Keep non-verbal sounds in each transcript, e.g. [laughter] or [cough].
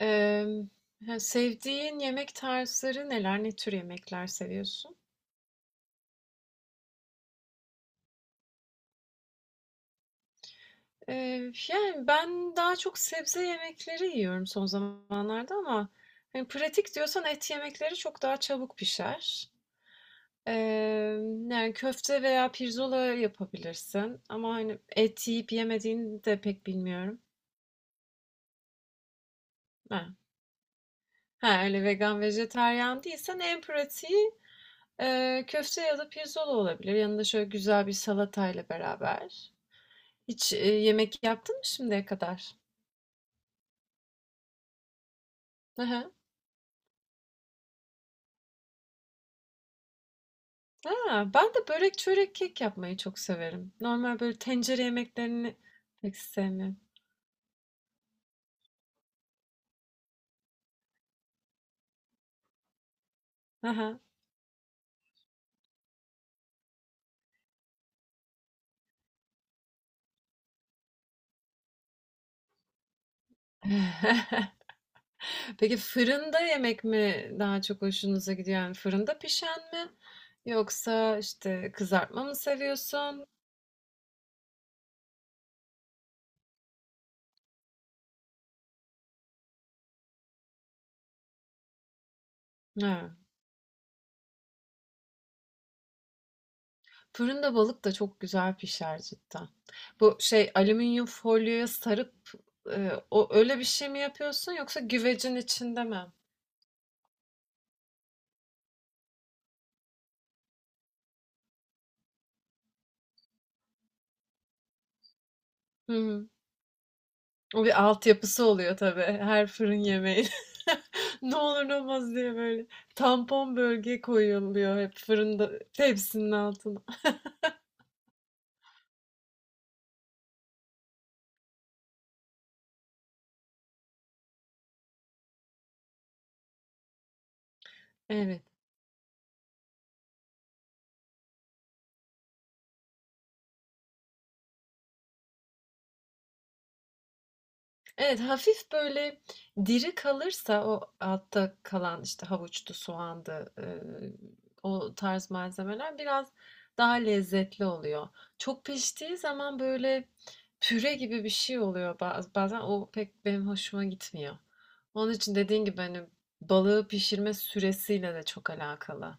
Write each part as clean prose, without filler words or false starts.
Emm, he, Sevdiğin yemek tarzları neler? Ne tür yemekler seviyorsun? Ben daha çok sebze yemekleri yiyorum son zamanlarda ama, pratik diyorsan et yemekleri çok daha çabuk pişer. Köfte veya pirzola yapabilirsin ama, et yiyip yemediğini de pek bilmiyorum. Ha, ha, Öyle vegan, vejetaryen değilsen en pratiği, köfte ya da pirzola olabilir. Yanında şöyle güzel bir salatayla beraber. Hiç, yemek yaptın mı şimdiye kadar? Hı hı. A! Ben de börek, çörek, kek yapmayı çok severim. Normal böyle tencere yemeklerini pek sevmiyorum. Hı hı. [laughs] Peki fırında yemek mi daha çok hoşunuza gidiyor? Yani fırında pişen mi yoksa, işte, kızartma mı seviyorsun? Ha. Fırında balık da çok güzel pişer cidden. Bu şey, alüminyum folyoya sarıp, o öyle bir şey mi yapıyorsun yoksa güvecin içinde mi? O bir altyapısı oluyor tabii her fırın yemeğinin. [laughs] Ne olur ne olmaz diye böyle tampon bölge koyuluyor hep fırında tepsinin altına. Evet. Evet, hafif böyle diri kalırsa o altta kalan, işte, havuçtu, soğandı, o tarz malzemeler biraz daha lezzetli oluyor. Çok piştiği zaman böyle püre gibi bir şey oluyor bazen. O pek benim hoşuma gitmiyor. Onun için dediğin gibi, balığı pişirme süresiyle de çok alakalı.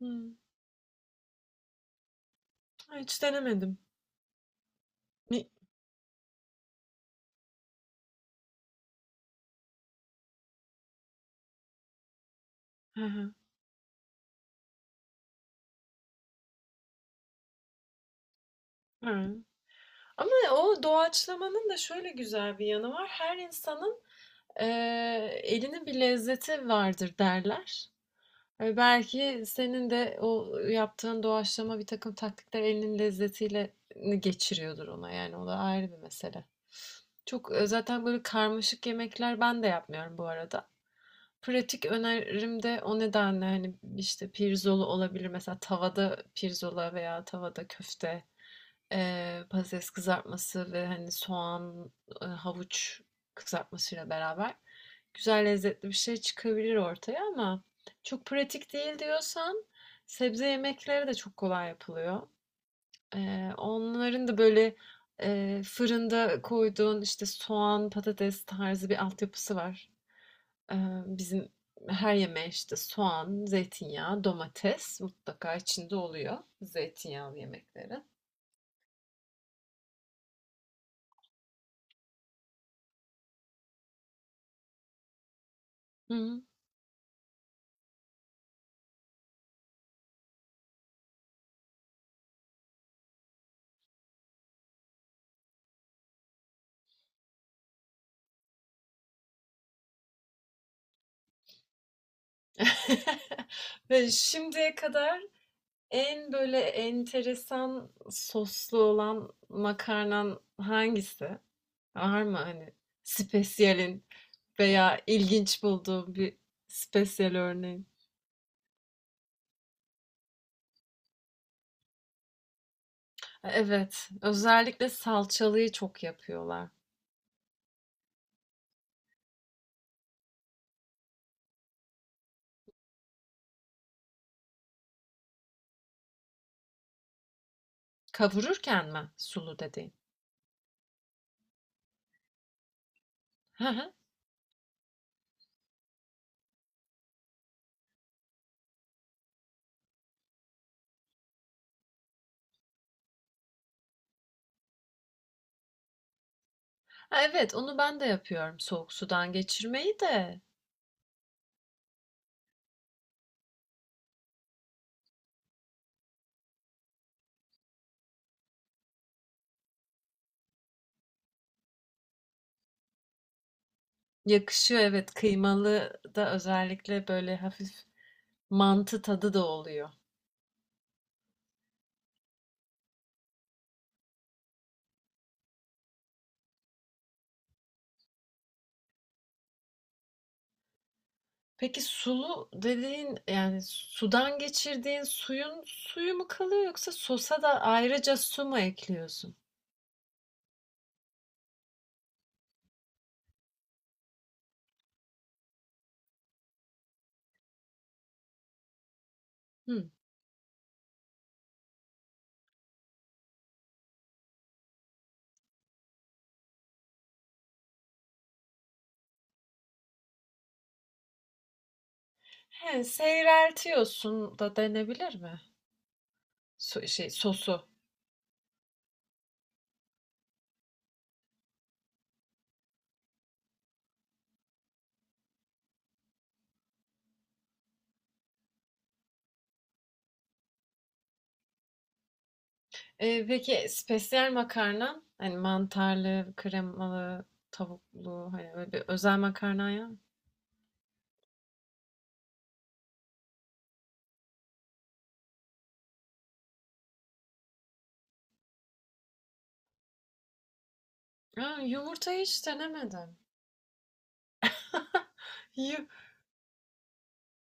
Hımm. Hiç denemedim. Mi Hı hı. Hıı. Ama o doğaçlamanın da şöyle güzel bir yanı var. Her insanın elinin bir lezzeti vardır derler. Ve belki senin de o yaptığın doğaçlama bir takım taktikler elinin lezzetiyle geçiriyordur ona. Yani o da ayrı bir mesele. Zaten böyle karmaşık yemekler ben de yapmıyorum bu arada. Pratik önerim de o nedenle hani işte pirzolu olabilir. Mesela tavada pirzola veya tavada köfte. Patates kızartması ve, soğan, havuç kızartmasıyla beraber güzel, lezzetli bir şey çıkabilir ortaya ama çok pratik değil diyorsan sebze yemekleri de çok kolay yapılıyor. Onların da, böyle, fırında koyduğun, işte, soğan, patates tarzı bir altyapısı var. Eee, Bizim her yemeğe, işte, soğan, zeytinyağı, domates mutlaka içinde oluyor zeytinyağlı yemeklerin. Hımm. [laughs] Şimdiye kadar en, böyle, enteresan soslu olan makarnan hangisi? Var mı, spesiyalin veya ilginç bulduğun bir spesiyal örneğin? Evet, özellikle salçalıyı çok yapıyorlar. Kavururken mi sulu dediğin? Hı hı. Ha, evet, onu ben de yapıyorum soğuk sudan geçirmeyi de. Yakışıyor evet, kıymalı da özellikle böyle hafif mantı tadı da oluyor. Peki sulu dediğin yani sudan geçirdiğin suyun suyu mu kalıyor yoksa sosa da ayrıca su mu ekliyorsun? Hı. He, seyreltiyorsun da denebilir mi? Su, şey sosu. Peki spesiyel makarnan hani mantarlı, kremalı, tavuklu hani böyle bir özel makarna ya. Aa, yumurtayı hiç denemedim.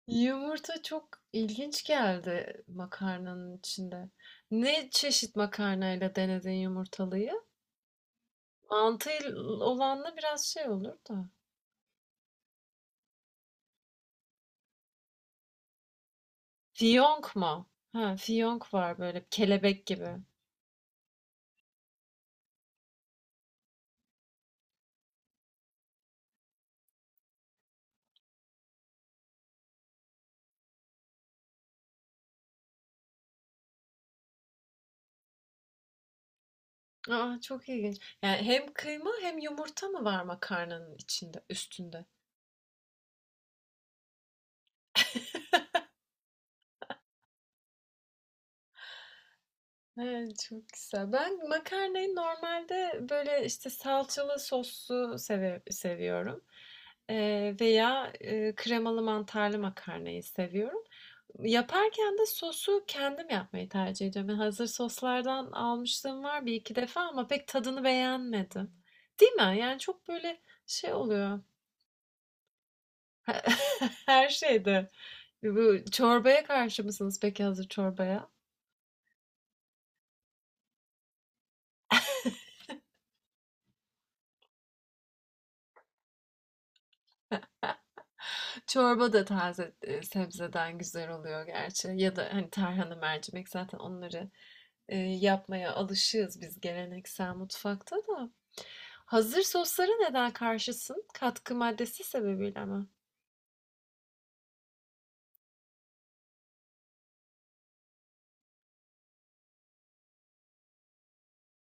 Yumurta çok ilginç geldi makarnanın içinde. Ne çeşit makarnayla denedin yumurtalıyı? Mantı olanla biraz şey olur da. Fiyonk mu? Ha, fiyonk var böyle kelebek gibi. Aa, çok ilginç. Yani hem kıyma hem yumurta mı var makarnanın içinde, üstünde? Evet, çok güzel. Ben makarnayı normalde böyle işte salçalı soslu seviyorum. Veya kremalı mantarlı makarnayı seviyorum. Yaparken de sosu kendim yapmayı tercih ediyorum. Yani hazır soslardan almışlığım var bir iki defa ama pek tadını beğenmedim. Değil mi? Yani çok böyle şey oluyor. [laughs] Her şeyde. Bu çorbaya karşı mısınız peki hazır çorbaya? Çorba da taze sebzeden güzel oluyor gerçi. Ya da hani tarhana, mercimek zaten onları yapmaya alışığız biz geleneksel mutfakta da. Hazır soslara neden karşısın? Katkı maddesi sebebiyle mi?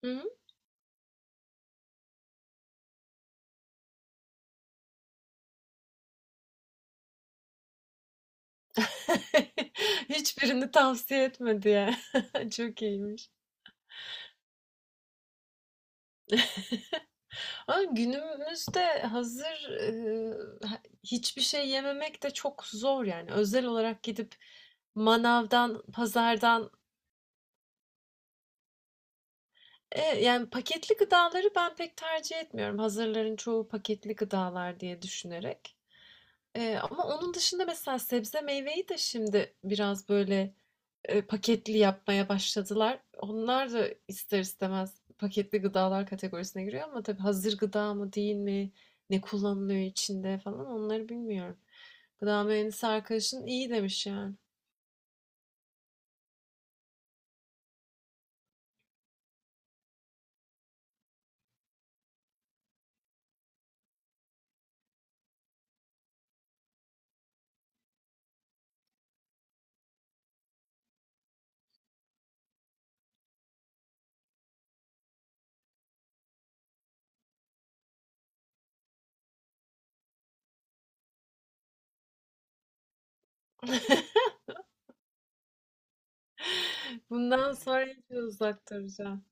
Hı? [laughs] Hiçbirini tavsiye etmedi ya. [laughs] Çok iyiymiş. Ama günümüzde hiçbir şey yememek de çok zor yani. Özel olarak gidip manavdan, pazardan. Yani paketli gıdaları ben pek tercih etmiyorum. Hazırların çoğu paketli gıdalar diye düşünerek. Ama onun dışında mesela sebze meyveyi de şimdi biraz böyle paketli yapmaya başladılar. Onlar da ister istemez paketli gıdalar kategorisine giriyor ama tabii hazır gıda mı değil mi, ne kullanılıyor içinde falan onları bilmiyorum. Gıda mühendisi arkadaşın iyi demiş yani. [laughs] Bundan sonra hiç uzak duracağım.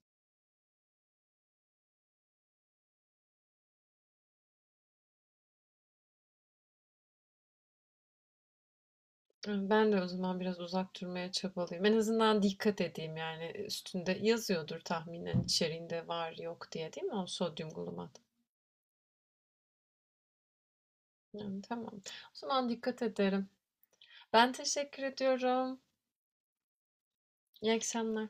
Ben de o zaman biraz uzak durmaya çabalayayım. En azından dikkat edeyim, yani, üstünde yazıyordur tahminen içeriğinde var yok diye, değil mi o sodyum glutamat? Yani, tamam. O zaman dikkat ederim. Ben teşekkür ediyorum. İyi akşamlar.